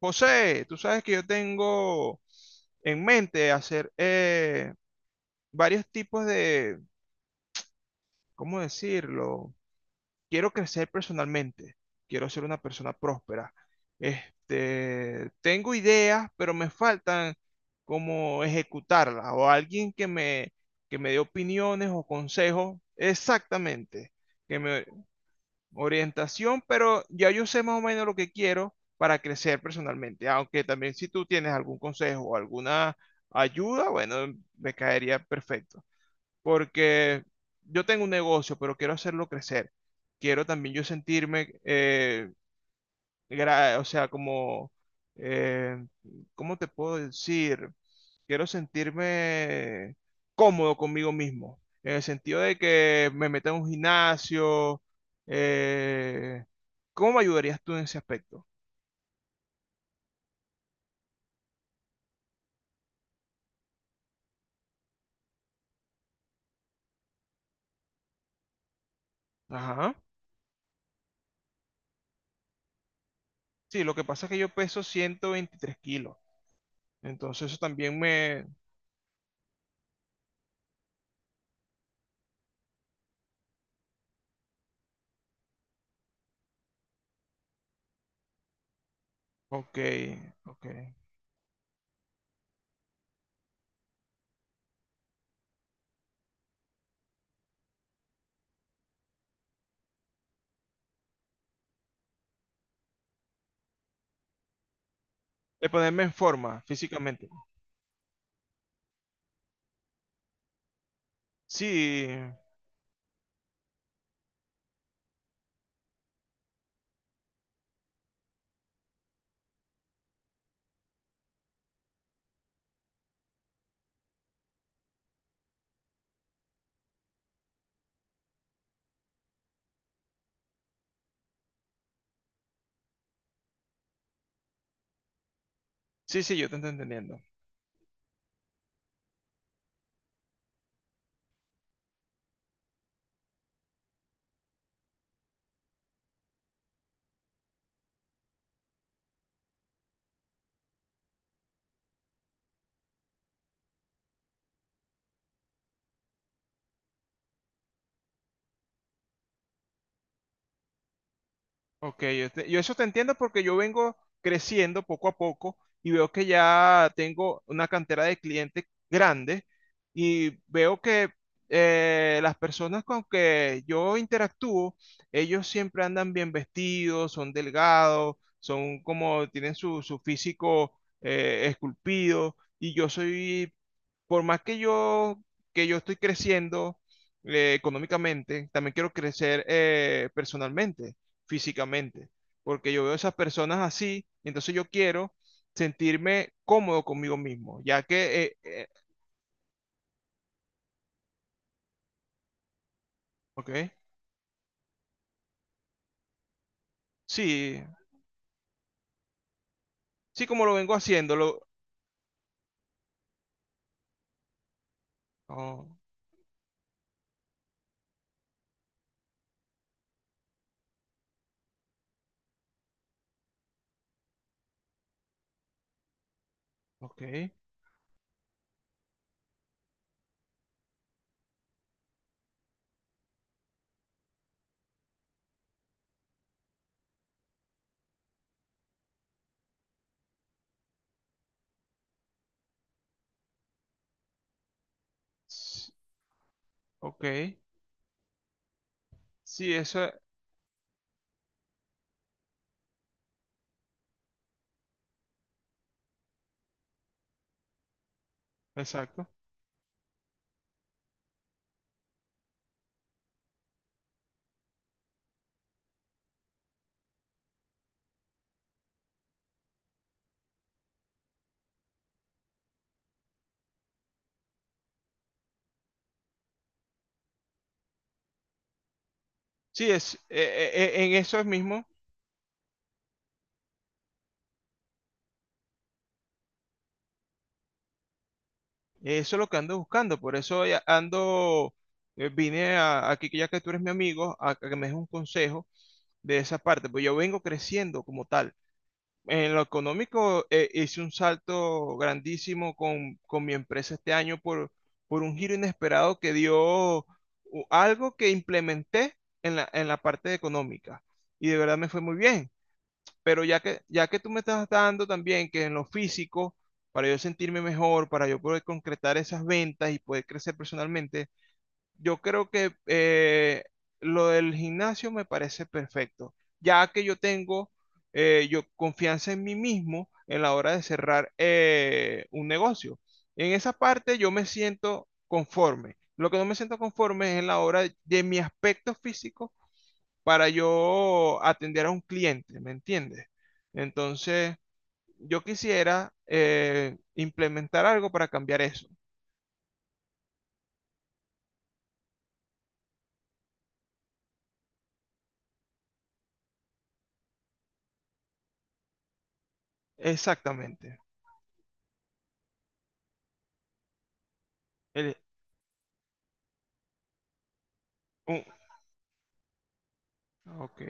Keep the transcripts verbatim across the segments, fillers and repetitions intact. José, tú sabes que yo tengo en mente hacer eh, varios tipos de, ¿cómo decirlo? Quiero crecer personalmente, quiero ser una persona próspera. Este, tengo ideas, pero me faltan como ejecutarlas o alguien que me, que me dé opiniones o consejos exactamente, que me, orientación, pero ya yo sé más o menos lo que quiero para crecer personalmente, aunque también si tú tienes algún consejo o alguna ayuda, bueno, me caería perfecto, porque yo tengo un negocio, pero quiero hacerlo crecer. Quiero también yo sentirme eh, gra- o sea, como, eh, ¿cómo te puedo decir? Quiero sentirme cómodo conmigo mismo, en el sentido de que me meta en un gimnasio. eh, ¿Cómo me ayudarías tú en ese aspecto? Ajá. Sí, lo que pasa es que yo peso ciento veintitrés kilos, entonces eso también me... Ok, ok. De ponerme en forma físicamente. Sí, sí, sí, yo te estoy entendiendo. Ok, yo, te- yo eso te entiendo porque yo vengo creciendo poco a poco y veo que ya tengo una cantera de clientes grande y veo que eh, las personas con que yo interactúo, ellos siempre andan bien vestidos, son delgados, son como tienen su, su, físico eh, esculpido y yo soy, por más que yo, que yo estoy creciendo eh, económicamente, también quiero crecer eh, personalmente físicamente, porque yo veo esas personas así, y entonces yo quiero sentirme cómodo conmigo mismo, ya que, eh, eh, ok, sí, sí, como lo vengo haciendo, lo, oh, ok, s- ok, sí, eso, exacto, sí, es, eh, eh, eh, en eso es mismo, eso es lo que ando buscando, por eso ya ando, eh, vine a- aquí, que ya que tú eres mi amigo, a a que me des un consejo de esa parte, pues yo vengo creciendo como tal. En lo económico, eh, hice un salto grandísimo con, con, mi empresa este año por, por un giro inesperado que dio u- algo que implementé en la, en la parte económica. Y de verdad me fue muy bien. Pero ya que, ya que tú me estás dando también que en lo físico, para yo sentirme mejor, para yo poder concretar esas ventas y poder crecer personalmente, yo creo que eh, lo del gimnasio me parece perfecto, ya que yo tengo eh, yo confianza en mí mismo en la hora de cerrar eh, un negocio. En esa parte yo me siento conforme. Lo que no me siento conforme es en la hora de mi aspecto físico para yo atender a un cliente, ¿me entiendes? Entonces, yo quisiera eh, implementar algo para cambiar eso. Exactamente. El- un- ok.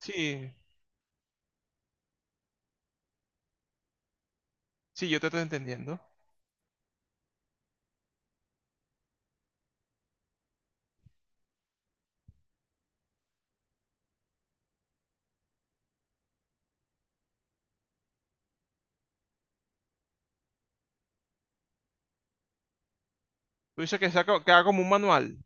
Sí, sí, yo te estoy entendiendo. Tú dices que, sea co- que haga como un manual.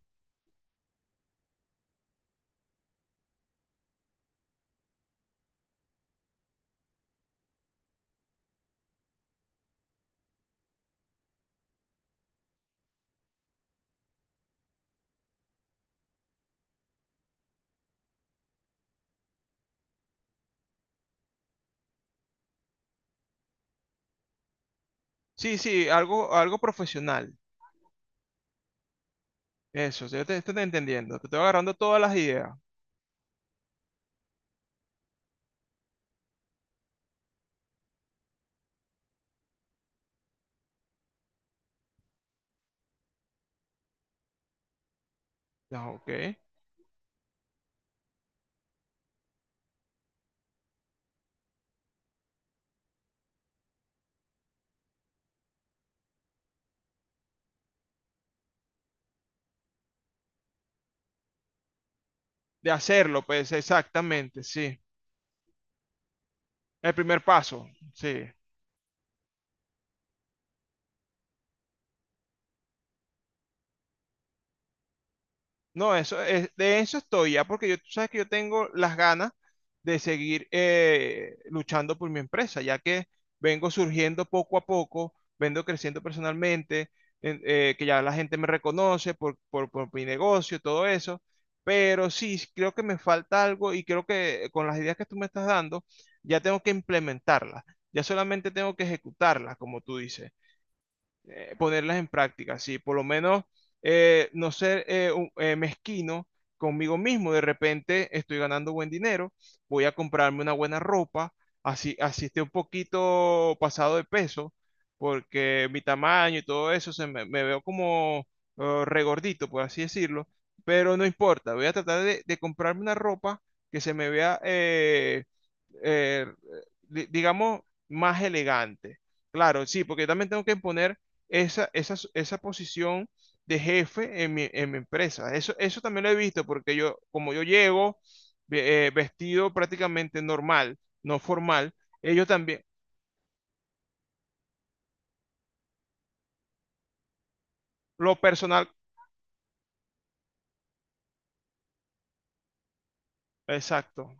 Sí, sí, algo, algo profesional. Eso, sí, yo te, te estoy entendiendo. Te estoy agarrando todas las ideas. Ya, ok. De hacerlo, pues, exactamente, sí. El primer paso, sí. No, eso es, de eso estoy ya, porque yo, tú sabes que yo tengo las ganas de seguir eh, luchando por mi empresa, ya que vengo surgiendo poco a poco, vengo creciendo personalmente, en- eh, que ya la gente me reconoce por, por, por mi negocio, todo eso, pero sí, sí creo que me falta algo y creo que con las ideas que tú me estás dando, ya tengo que implementarlas, ya solamente tengo que ejecutarlas, como tú dices eh, ponerlas en práctica, ¿sí? Por lo menos eh, no ser eh, un- eh, mezquino conmigo mismo. De repente estoy ganando buen dinero, voy a comprarme una buena ropa, así, así esté un poquito pasado de peso, porque mi tamaño y todo eso, se me, me veo como eh, regordito, por así decirlo, pero no importa, voy a tratar de, de comprarme una ropa que se me vea, eh, eh, di- digamos, más elegante. Claro, sí, porque también tengo que imponer esa, esa, esa posición de jefe en mi, en mi, empresa. Eso, eso también lo he visto porque yo, como yo llego ve- eh, vestido prácticamente normal, no formal, ellos también, lo personal, exacto,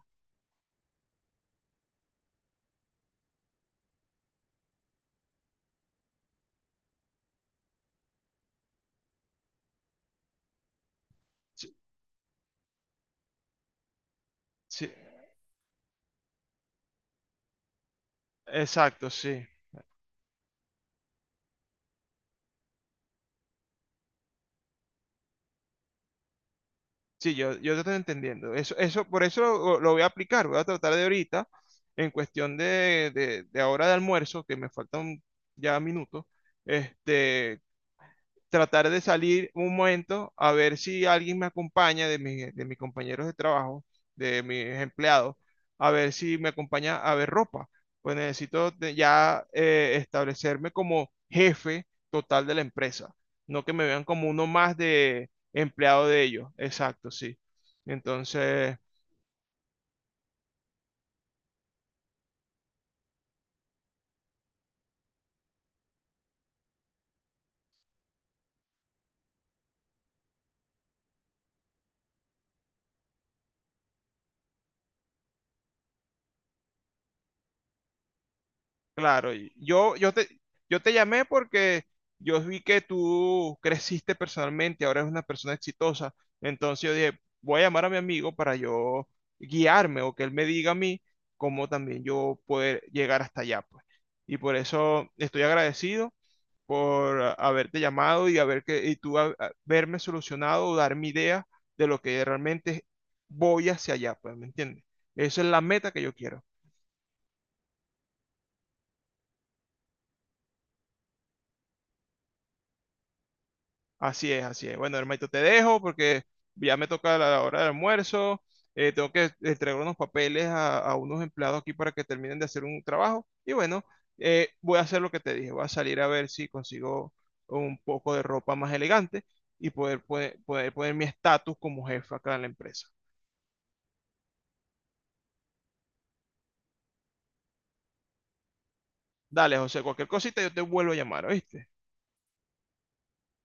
sí, sí, exacto, sí. Sí, yo, yo te estoy entendiendo. Eso, eso, por eso lo, lo voy a aplicar, voy a tratar de ahorita, en cuestión de, de, de ahora de almuerzo, que me faltan ya minutos, este, tratar de salir un momento a ver si alguien me acompaña de, mi- de mis compañeros de trabajo, de mis empleados, a ver si me acompaña a ver ropa. Pues necesito de- ya eh, establecerme como jefe total de la empresa, no que me vean como uno más de empleado de ellos. Exacto, sí. Entonces... Claro, y yo, yo te, yo te llamé porque yo vi que tú creciste personalmente, ahora eres una persona exitosa. Entonces yo dije, voy a llamar a mi amigo para yo guiarme o que él me diga a mí cómo también yo poder llegar hasta allá, pues. Y por eso estoy agradecido por a- haberte llamado y haber que, y tú a- haberme solucionado o dar mi idea de lo que realmente voy hacia allá, pues, ¿me entiendes? Esa es la meta que yo quiero. Así es, así es. Bueno, hermanito, te dejo porque ya me toca la hora del almuerzo. Eh, tengo que entregar unos papeles a, a unos empleados aquí para que terminen de hacer un trabajo. Y bueno, eh, voy a hacer lo que te dije. Voy a salir a ver si consigo un poco de ropa más elegante y poder, poner- poder poner mi estatus como jefe acá en la empresa. Dale, José, cualquier cosita yo te vuelvo a llamar, ¿oíste?